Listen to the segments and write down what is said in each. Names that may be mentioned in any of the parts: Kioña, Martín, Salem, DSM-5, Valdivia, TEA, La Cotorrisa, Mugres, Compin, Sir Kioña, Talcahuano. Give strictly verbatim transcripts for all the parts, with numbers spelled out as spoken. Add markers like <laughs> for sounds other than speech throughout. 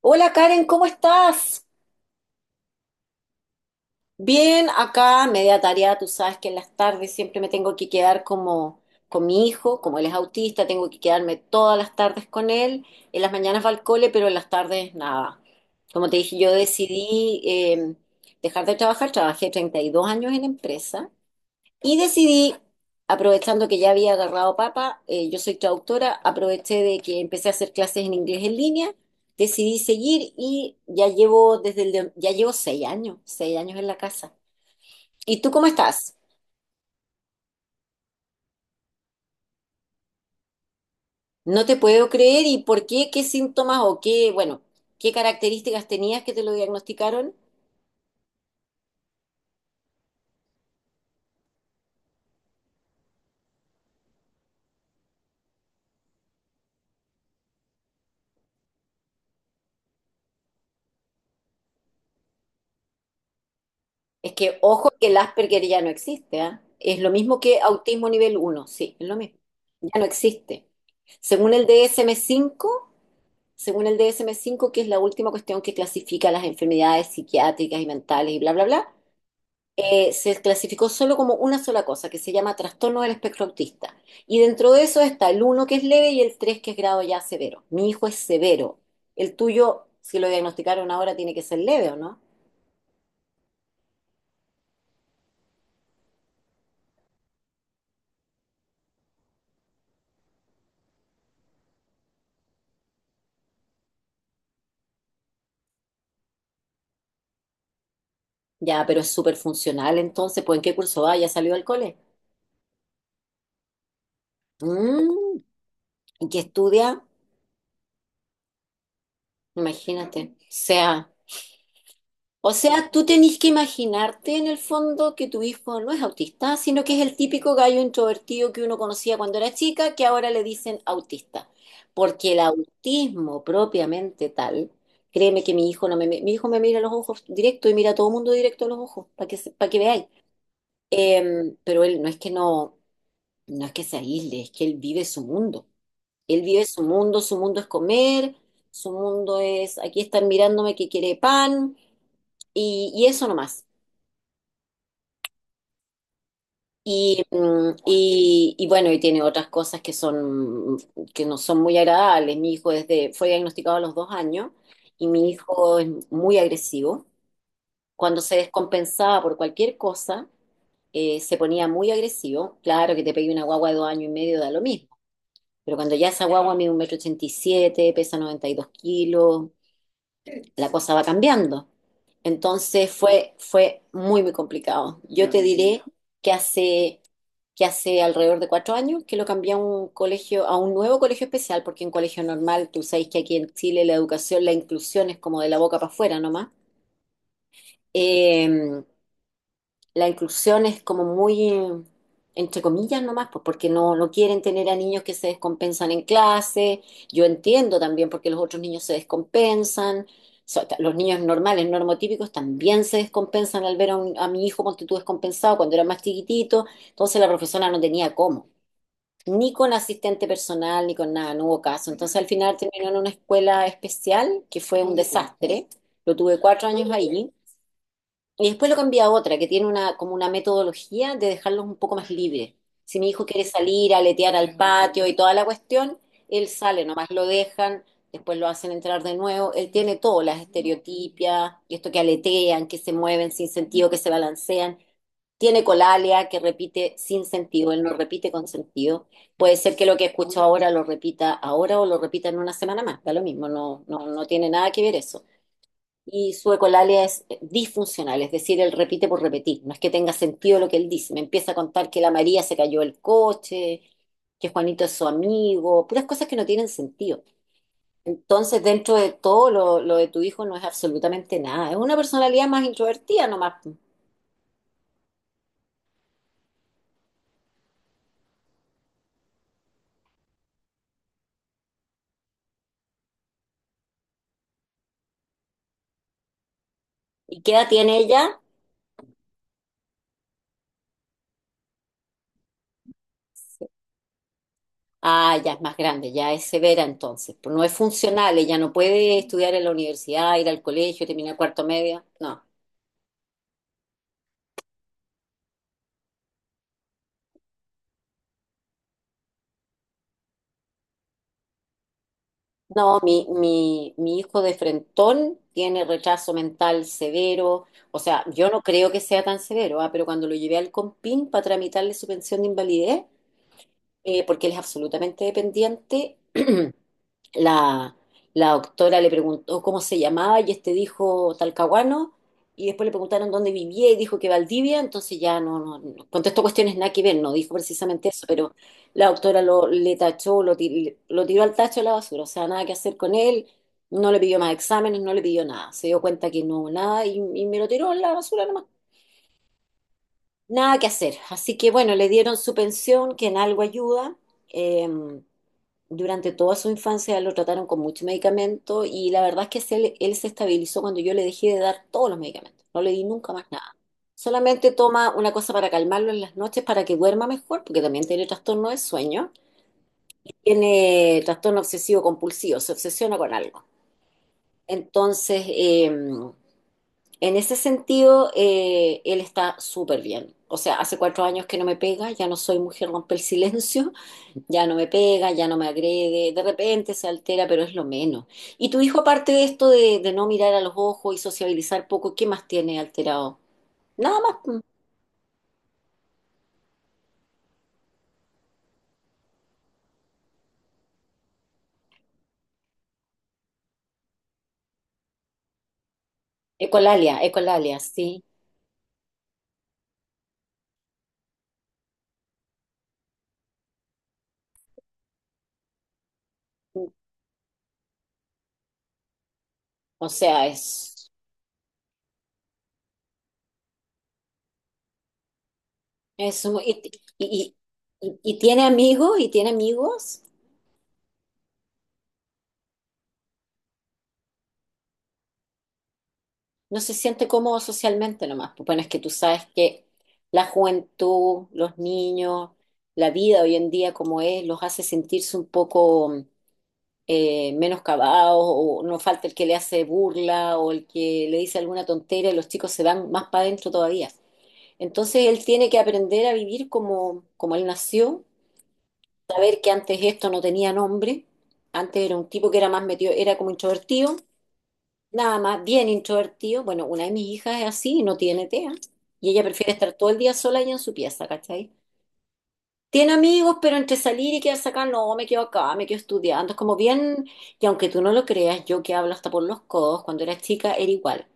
Hola Karen, ¿cómo estás? Bien, acá media tarea, tú sabes que en las tardes siempre me tengo que quedar como con mi hijo, como él es autista, tengo que quedarme todas las tardes con él, en las mañanas va al cole, pero en las tardes nada. Como te dije, yo decidí eh, dejar de trabajar, trabajé treinta y dos años en empresa y decidí, aprovechando que ya había agarrado papa, eh, yo soy traductora, aproveché de que empecé a hacer clases en inglés en línea, decidí seguir y ya llevo desde el de- ya llevo seis años, seis años en la casa. ¿Y tú cómo estás? No te puedo creer y por qué, qué síntomas o qué, bueno, qué características tenías que te lo diagnosticaron. Es que, ojo, que el Asperger ya no existe, ¿ah? Es lo mismo que autismo nivel uno, sí, es lo mismo, ya no existe. Según el dsm cinco Según el D S M cinco, que es la última cuestión que clasifica las enfermedades psiquiátricas y mentales y bla, bla, bla, eh, se clasificó solo como una sola cosa, que se llama trastorno del espectro autista. Y dentro de eso está el uno, que es leve, y el tres, que es grado ya severo. Mi hijo es severo. El tuyo, si lo diagnosticaron ahora, tiene que ser leve, ¿o no? Ya, pero es súper funcional entonces, pues ¿en qué curso va? ¿Ya salió del cole? Mm, ¿y qué estudia? Imagínate. O sea. O sea, tú tenés que imaginarte en el fondo que tu hijo no es autista, sino que es el típico gallo introvertido que uno conocía cuando era chica, que ahora le dicen autista. Porque el autismo propiamente tal, créeme que mi hijo no me, mi hijo me mira a los ojos directo y mira a todo el mundo directo a los ojos, para que, se- pa' que veáis. Eh, pero él no es que no, no es que se aísle, es que él vive su mundo. Él vive su mundo, su mundo es comer, su mundo es, aquí están mirándome que quiere pan y, y eso nomás. Y, mm, y, y bueno, y tiene otras cosas que son, que no son muy agradables. Mi hijo desde fue diagnosticado a los dos años y mi hijo es muy agresivo. Cuando se descompensaba por cualquier cosa, eh, se ponía muy agresivo. Claro que te pegue una guagua de dos años y medio da lo mismo, pero cuando ya esa guagua mide un metro ochenta y siete, pesa noventa y dos kilos, la cosa va cambiando. Entonces fue, fue muy, muy complicado. Yo te diré que hace, que hace alrededor de cuatro años que lo cambié a un colegio, a un nuevo colegio especial, porque en colegio normal, tú sabes que aquí en Chile la educación, la inclusión es como de la boca para afuera nomás. Eh, la inclusión es como muy, entre comillas nomás, pues porque no, no quieren tener a niños que se descompensan en clase. Yo entiendo también porque los otros niños se descompensan. So- ta- Los niños normales, normotípicos, también se descompensan al ver a, un- a mi hijo, ponte tú, descompensado cuando era más chiquitito. Entonces la profesora no tenía cómo, ni con asistente personal, ni con nada, no hubo caso. Entonces al final terminó en una escuela especial, que fue un desastre. Lo tuve cuatro años ahí. Y después lo cambié a otra, que tiene una, como una metodología de dejarlos un poco más libres. Si mi hijo quiere salir a aletear al patio y toda la cuestión, él sale, nomás lo dejan, después lo hacen entrar de nuevo. Él tiene todo, las estereotipias, y esto que aletean, que se mueven sin sentido, que se balancean. Tiene colalia, que repite sin sentido, él no repite con sentido. Puede ser que lo que escucho ahora lo repita ahora o lo repita en una semana más, da lo mismo, no, no, no tiene nada que ver eso. Y su ecolalia es disfuncional, es decir, él repite por repetir, no es que tenga sentido lo que él dice, me empieza a contar que la María se cayó el coche, que Juanito es su amigo, puras cosas que no tienen sentido. Entonces, dentro de todo, lo, lo de tu hijo no es absolutamente nada, es una personalidad más introvertida nomás. ¿Y qué edad tiene ella? Ah, ya es más grande, ya es severa entonces, pues no es funcional, ella no puede estudiar en la universidad, ir al colegio, terminar cuarto media, no. No, mi, mi, mi hijo de frentón tiene retraso mental severo. O sea, yo no creo que sea tan severo, ah, pero cuando lo llevé al Compin para tramitarle su pensión de invalidez, eh, porque él es absolutamente dependiente, <clears throat> La, la doctora le preguntó cómo se llamaba y este dijo Talcahuano y después le preguntaron dónde vivía y dijo que Valdivia, entonces ya no, no, no- contestó cuestiones nada que ver, no dijo precisamente eso, pero la doctora lo, le tachó, lo, ti- lo tiró al tacho de la basura, o sea, nada que hacer con él, no le pidió más exámenes, no le pidió nada, se dio cuenta que no, nada y, y me lo tiró en la basura nomás, nada que hacer. Así que bueno, le dieron su pensión, que en algo ayuda. eh, durante toda su infancia lo trataron con mucho medicamento y la verdad es que se le- él, se estabilizó cuando yo le dejé de dar todos los medicamentos. No le di nunca más nada. Solamente toma una cosa para calmarlo en las noches para que duerma mejor, porque también tiene trastorno de sueño. Tiene trastorno obsesivo compulsivo, se obsesiona con algo. Entonces, eh, en ese sentido, eh, él está súper bien. O sea, hace cuatro años que no me pega, ya no soy mujer rompe el silencio. Ya no me pega, ya no me agrede, de repente se altera, pero es lo menos. ¿Y tu hijo, aparte de esto de, de no mirar a los ojos y sociabilizar poco, qué más tiene alterado? Nada más. Ecolalia, ecolalia, sí. O sea, es, es muy y, y- y- y tiene amigos y tiene amigos. No se siente cómodo socialmente nomás. Pues bueno, es que tú sabes que la juventud, los niños, la vida hoy en día como es, los hace sentirse un poco eh, menoscabados o no falta el que le hace burla o el que le dice alguna tontera y los chicos se van más para adentro todavía. Entonces él tiene que aprender a vivir como, como él nació, saber que antes esto no tenía nombre, antes era un tipo que era más metido, era como introvertido, nada más, bien introvertido. Bueno, una de mis hijas es así, no tiene TEA y ella prefiere estar todo el día sola y en su pieza, ¿cachai? Tiene amigos, pero entre salir y quedarse acá, no, me quedo acá, me quedo estudiando. Es como bien, y aunque tú no lo creas, yo que hablo hasta por los codos, cuando era chica era igual.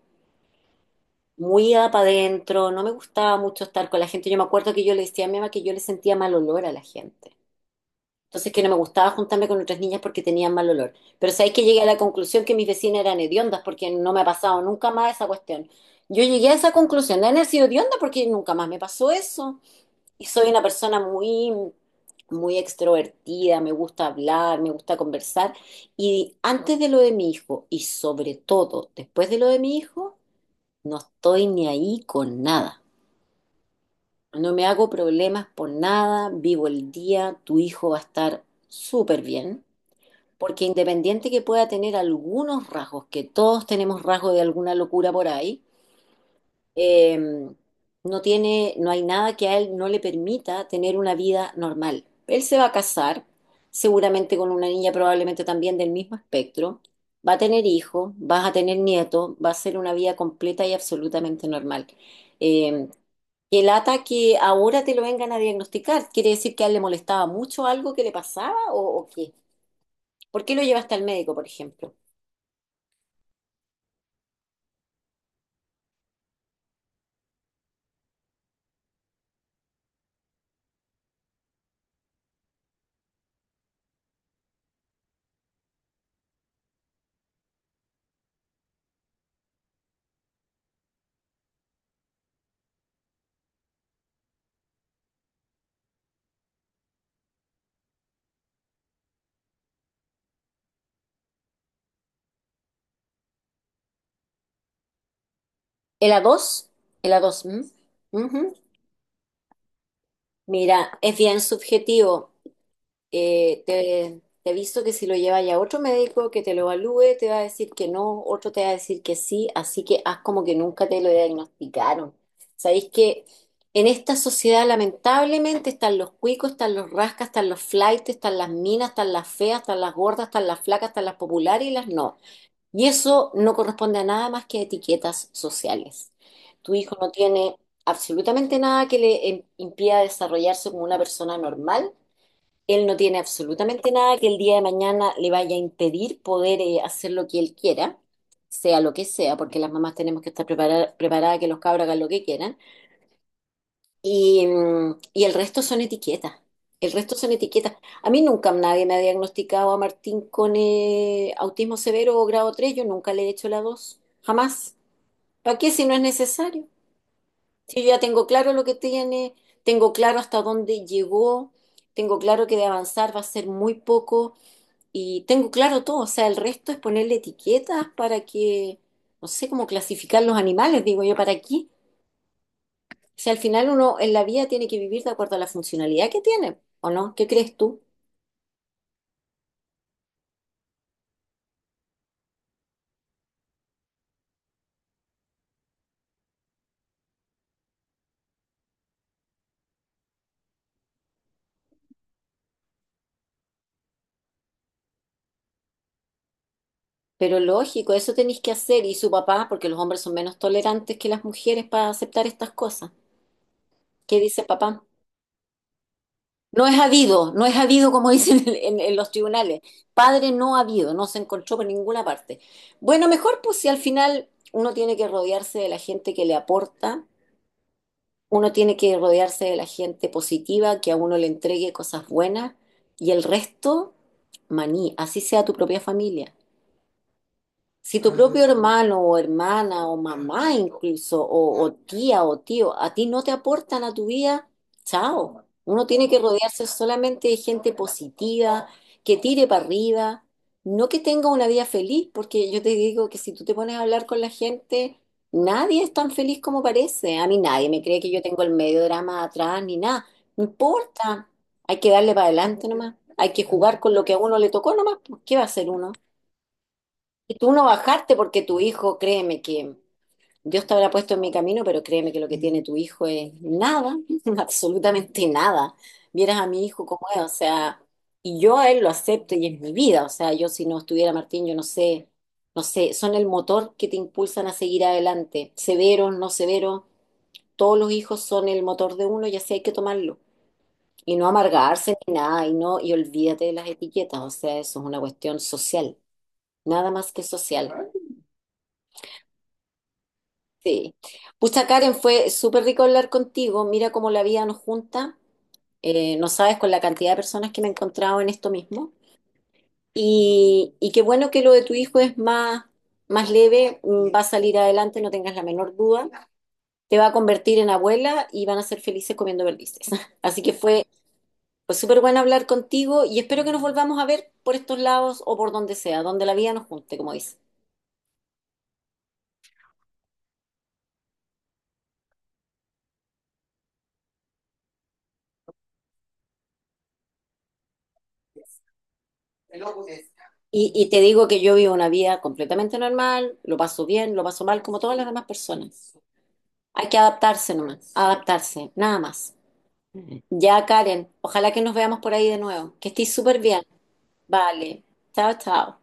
Muy para adentro, no me gustaba mucho estar con la gente. Yo me acuerdo que yo le decía a mi mamá que yo le sentía mal olor a la gente. Entonces que no me gustaba juntarme con otras niñas porque tenían mal olor. Pero sabéis que llegué a la conclusión que mis vecinas eran hediondas porque no me ha pasado nunca más esa cuestión. Yo llegué a esa conclusión, de haber sido hedionda porque nunca más me pasó eso. Y soy una persona muy, muy extrovertida, me gusta hablar, me gusta conversar. Y antes de lo de mi hijo, y sobre todo después de lo de mi hijo, no estoy ni ahí con nada. No me hago problemas por nada, vivo el día, tu hijo va a estar súper bien, porque independiente que pueda tener algunos rasgos, que todos tenemos rasgos de alguna locura por ahí, eh, no tiene, no hay nada que a él no le permita tener una vida normal. Él se va a casar, seguramente con una niña probablemente también del mismo espectro, va a tener hijos, vas a tener nietos, va a ser una vida completa y absolutamente normal. Eh, que lata que ahora te lo vengan a diagnosticar, ¿quiere decir que a él le molestaba mucho algo que le pasaba o, o qué? ¿Por qué lo llevaste al médico, por ejemplo? ¿El A dos, ¿El A dos? ¿Mm? Ujú. Mira, es bien subjetivo. Eh, te, te aviso que si lo llevas ya a otro médico que te lo evalúe, te va a decir que no, otro te va a decir que sí, así que haz como que nunca te lo diagnosticaron. Sabéis que en esta sociedad lamentablemente están los cuicos, están los rascas, están los flaites, están las minas, están las feas, están las gordas, están las flacas, están las populares y las no. Y eso no corresponde a nada más que a etiquetas sociales. Tu hijo no tiene absolutamente nada que le em- impida desarrollarse como una persona normal. Él no tiene absolutamente nada que el día de mañana le vaya a impedir poder eh, hacer lo que él quiera, sea lo que sea, porque las mamás tenemos que estar preparar- preparadas a que los cabros hagan lo que quieran. Y, mm, y el resto son etiquetas. El resto son etiquetas. A mí nunca nadie me ha diagnosticado a Martín con eh, autismo severo o grado tres. Yo nunca le he hecho la dos. Jamás. ¿Para qué si no es necesario? Si yo ya tengo claro lo que tiene, tengo claro hasta dónde llegó, tengo claro que de avanzar va a ser muy poco y tengo claro todo. O sea, el resto es ponerle etiquetas para que, no sé, cómo clasificar los animales, digo yo, ¿para aquí? O sea, al final uno en la vida tiene que vivir de acuerdo a la funcionalidad que tiene, ¿o no? ¿Qué crees tú? Pero lógico, eso tenéis que hacer y su papá, porque los hombres son menos tolerantes que las mujeres para aceptar estas cosas. ¿Qué dice papá? No es habido, no es habido, como <laughs> dicen en, en en los tribunales. Padre no ha habido, no se encontró por ninguna parte. Bueno, mejor, pues si al final uno tiene que rodearse de la gente que le aporta. Uno tiene que rodearse de la gente positiva, que a uno le entregue cosas buenas, y el resto, maní, así sea tu propia familia. Si tu propio hermano o hermana o mamá incluso, o, o tía o tío, a ti no te aportan a tu vida, chao. Uno tiene que rodearse solamente de gente positiva, que tire para arriba, no que tenga una vida feliz, porque yo te digo que si tú te pones a hablar con la gente, nadie es tan feliz como parece. A mí nadie me cree que yo tengo el medio drama atrás ni nada. No importa, hay que darle para adelante nomás, hay que jugar con lo que a uno le tocó nomás, pues, ¿qué va a hacer uno? Y tú no bajaste porque tu hijo, créeme que Dios te habrá puesto en mi camino, pero créeme que lo que tiene tu hijo es nada, <laughs> absolutamente nada. Vieras a mi hijo como es, o sea, y yo a él lo acepto y es mi vida. O sea, yo, si no estuviera Martín, yo no sé, no sé, son el motor que te impulsan a seguir adelante, severos, no severos, todos los hijos son el motor de uno y así hay que tomarlo. Y no amargarse ni nada, y no, y olvídate de las etiquetas, o sea, eso es una cuestión social, nada más que social. Sí. Pucha, Karen, fue súper rico hablar contigo. Mira cómo la vida nos junta. Eh, no sabes con la cantidad de personas que me he encontrado en esto mismo. Y, y qué bueno que lo de tu hijo es más, más leve, mm, va a salir adelante, no tengas la menor duda. Te va a convertir en abuela y van a ser felices comiendo perdices. <laughs> Así que fue, fue súper bueno hablar contigo y espero que nos volvamos a ver por estos lados o por donde sea, donde la vida nos junte, como dice. Y, y te digo que yo vivo una vida completamente normal, lo paso bien, lo paso mal, como todas las demás personas. Hay que adaptarse nomás, adaptarse, nada más. Ya, Karen, ojalá que nos veamos por ahí de nuevo. Que estés súper bien. Vale. Chao, chao.